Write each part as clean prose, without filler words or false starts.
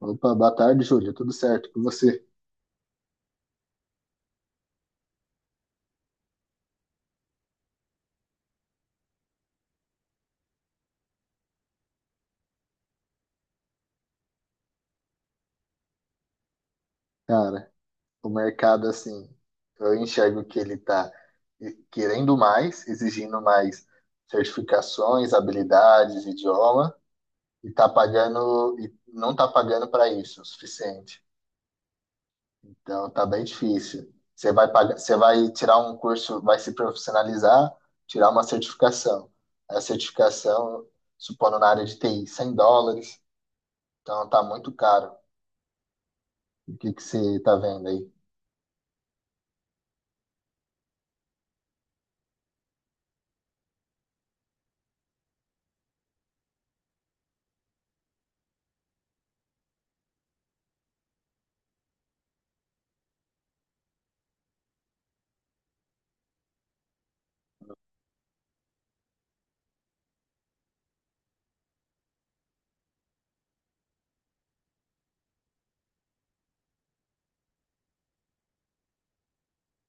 Opa, boa tarde, Júlio. Tudo certo com você? Cara, o mercado, assim, eu enxergo que ele está querendo mais, exigindo mais certificações, habilidades, idioma, e tá pagando, e não tá pagando para isso o suficiente. Então, tá bem difícil. Você vai pagar, você vai tirar um curso, vai se profissionalizar, tirar uma certificação. A certificação, supondo na área de TI, US$ 100. Então, tá muito caro. O que que você tá vendo aí?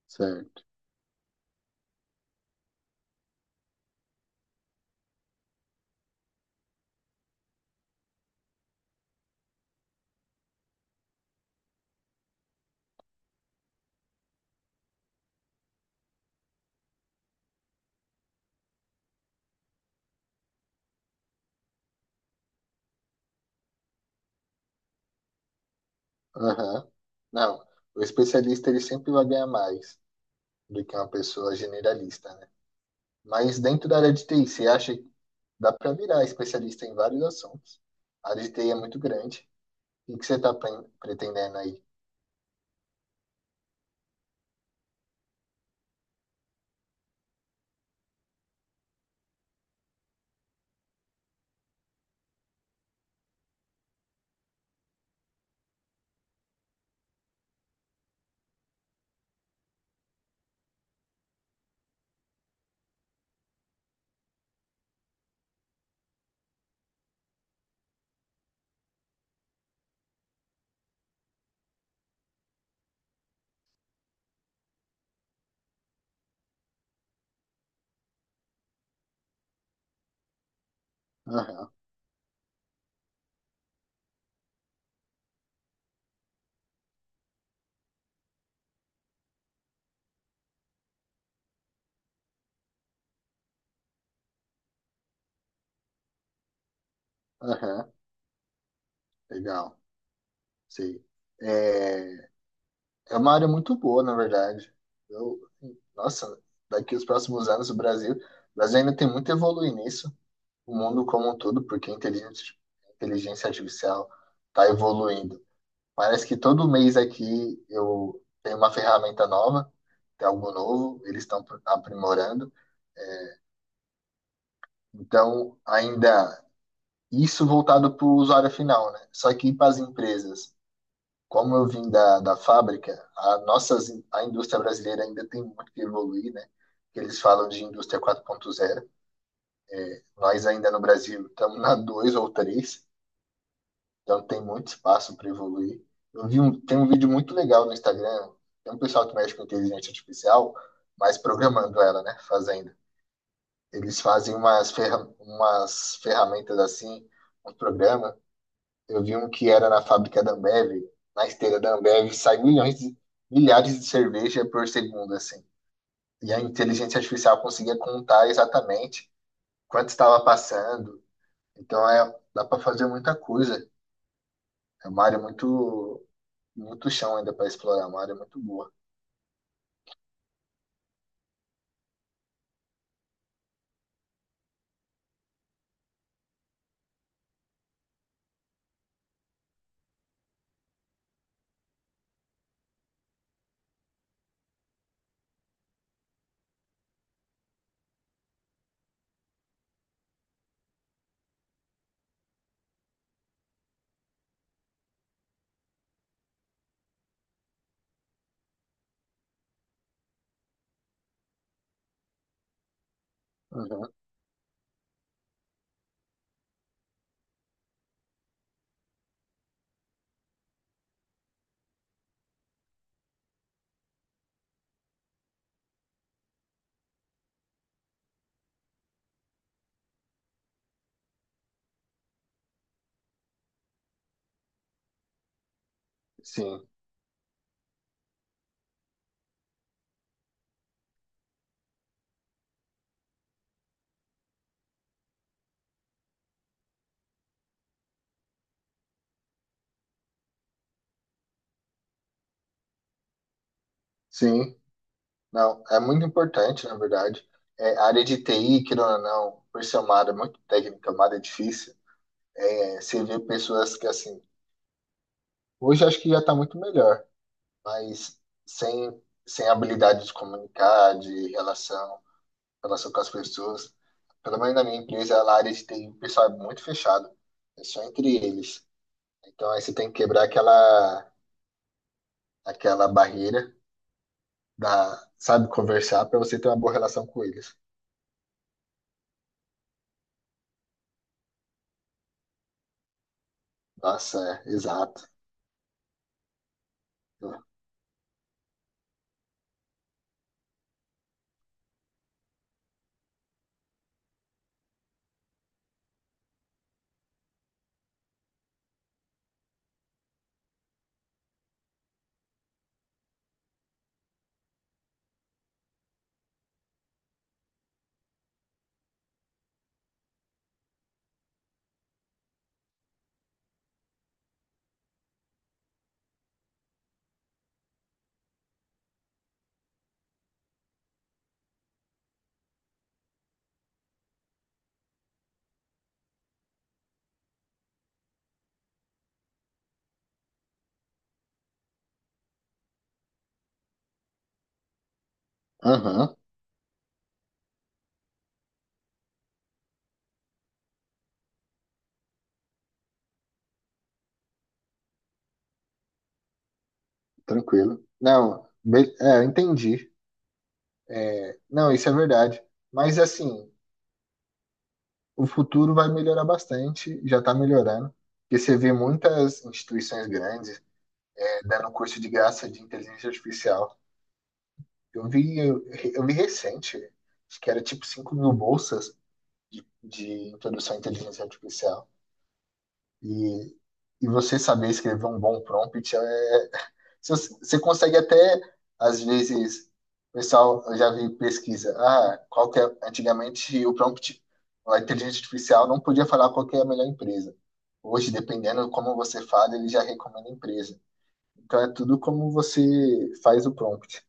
Certo. Aham. Não, o especialista ele sempre vai ganhar mais do que uma pessoa generalista, né? Mas dentro da área de TI, você acha que dá para virar especialista em vários assuntos? A área de TI é muito grande. O que você está pretendendo aí? Aham, aham, legal, sei. É, é uma área muito boa, na verdade. Eu, nossa, daqui os próximos anos o Brasil ainda tem muito a evoluir nisso, o mundo como um todo, porque a inteligência artificial está evoluindo. Parece que todo mês aqui eu tenho uma ferramenta nova, tem algo novo, eles estão aprimorando. Então, ainda isso voltado para o usuário final, né? Só que para as empresas, como eu vim da fábrica, a nossas, a indústria brasileira ainda tem muito que evoluir, né? Eles falam de indústria 4.0. Nós ainda no Brasil estamos na 2 ou três. Então tem muito espaço para evoluir. Eu vi um, tem um vídeo muito legal no Instagram. Tem um pessoal que mexe com inteligência artificial, mas programando ela, né? Fazendo. Eles fazem umas, ferra, umas ferramentas assim, um programa. Eu vi um que era na fábrica da Ambev, na esteira da Ambev, sai milhões, de- milhares de cerveja por segundo, assim. E a inteligência artificial conseguia contar exatamente quanto estava passando. Então é, dá para fazer muita coisa. É uma área muito. Muito chão ainda para explorar, uma área muito boa. Uhum. Sim, sim. Não, é muito importante, na verdade. É, a área de TI, querendo ou não, por ser uma área muito técnica, uma área difícil, é, você vê pessoas que, assim, hoje acho que já está muito melhor, mas sem, sem habilidade de comunicar, de relação, relação com as pessoas. Pelo menos na minha empresa, a área de TI, o pessoal é muito fechado, é só entre eles. Então, aí você tem que quebrar aquela, aquela barreira da, sabe, conversar para você ter uma boa relação com eles. Nossa, é, exato. Aham, tranquilo. Não, be- é, eu entendi. Não, isso é verdade. Mas assim, o futuro vai melhorar bastante, já está melhorando. Porque você vê muitas instituições grandes é, dando curso de graça de inteligência artificial. Eu vi, eu, eu vi recente, acho que era tipo 5.000 bolsas de introdução à inteligência artificial. E, e você saber escrever um bom prompt é, se você consegue até, às vezes, o pessoal, eu já vi pesquisa, ah, qual que é, antigamente o prompt, a inteligência artificial não podia falar qual que é a melhor empresa. Hoje, dependendo de como você fala, ele já recomenda a empresa. Então é tudo como você faz o prompt.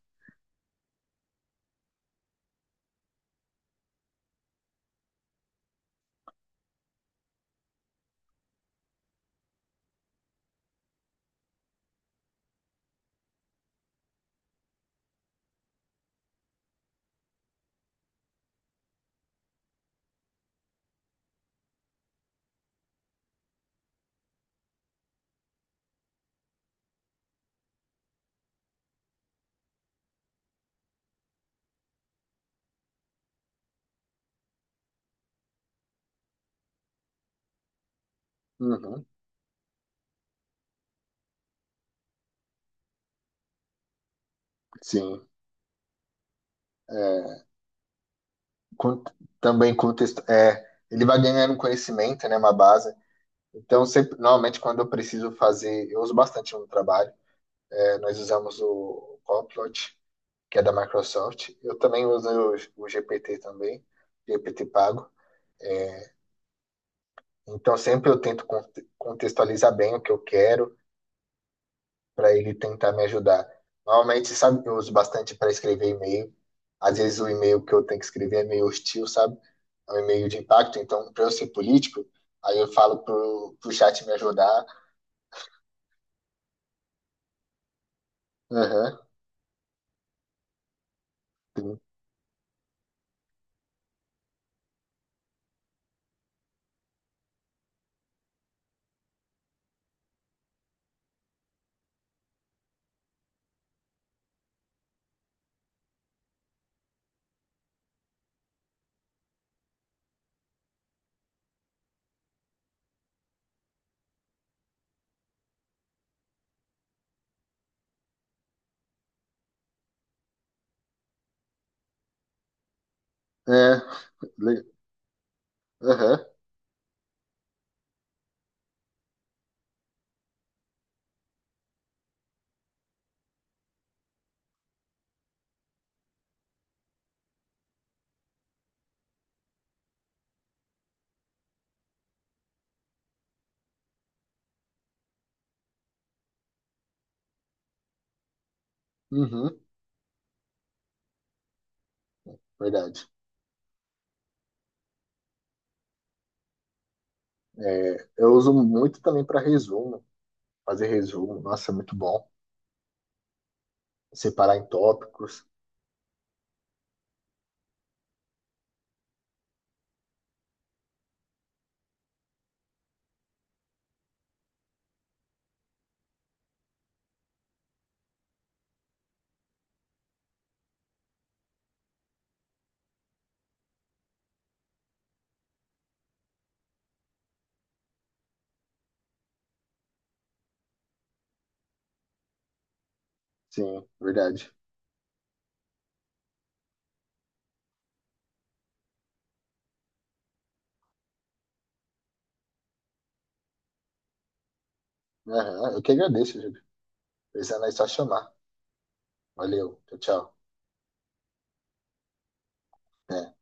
Uhum, sim. É, con- também contexto, é, ele vai ganhando conhecimento, né, uma base. Então, sempre, normalmente, quando eu preciso fazer, eu uso bastante no trabalho, é, nós usamos o Copilot, que é da Microsoft. Eu também uso o GPT também, GPT pago. Então sempre eu tento conte- contextualizar bem o que eu quero para ele tentar me ajudar. Normalmente, sabe, eu uso bastante para escrever e-mail. Às vezes o e-mail que eu tenho que escrever é meio hostil, sabe? É um e-mail de impacto. Então, para eu ser político, aí eu falo pro, pro chat me ajudar. Aham, sim. É, le- aham, uhum, verdade. É, eu uso muito também para resumo, fazer resumo. Nossa, é muito bom. Separar em tópicos. Sim, verdade. Aham, eu que agradeço, Júlio. Precisando é só chamar. Valeu, tchau, tchau. É.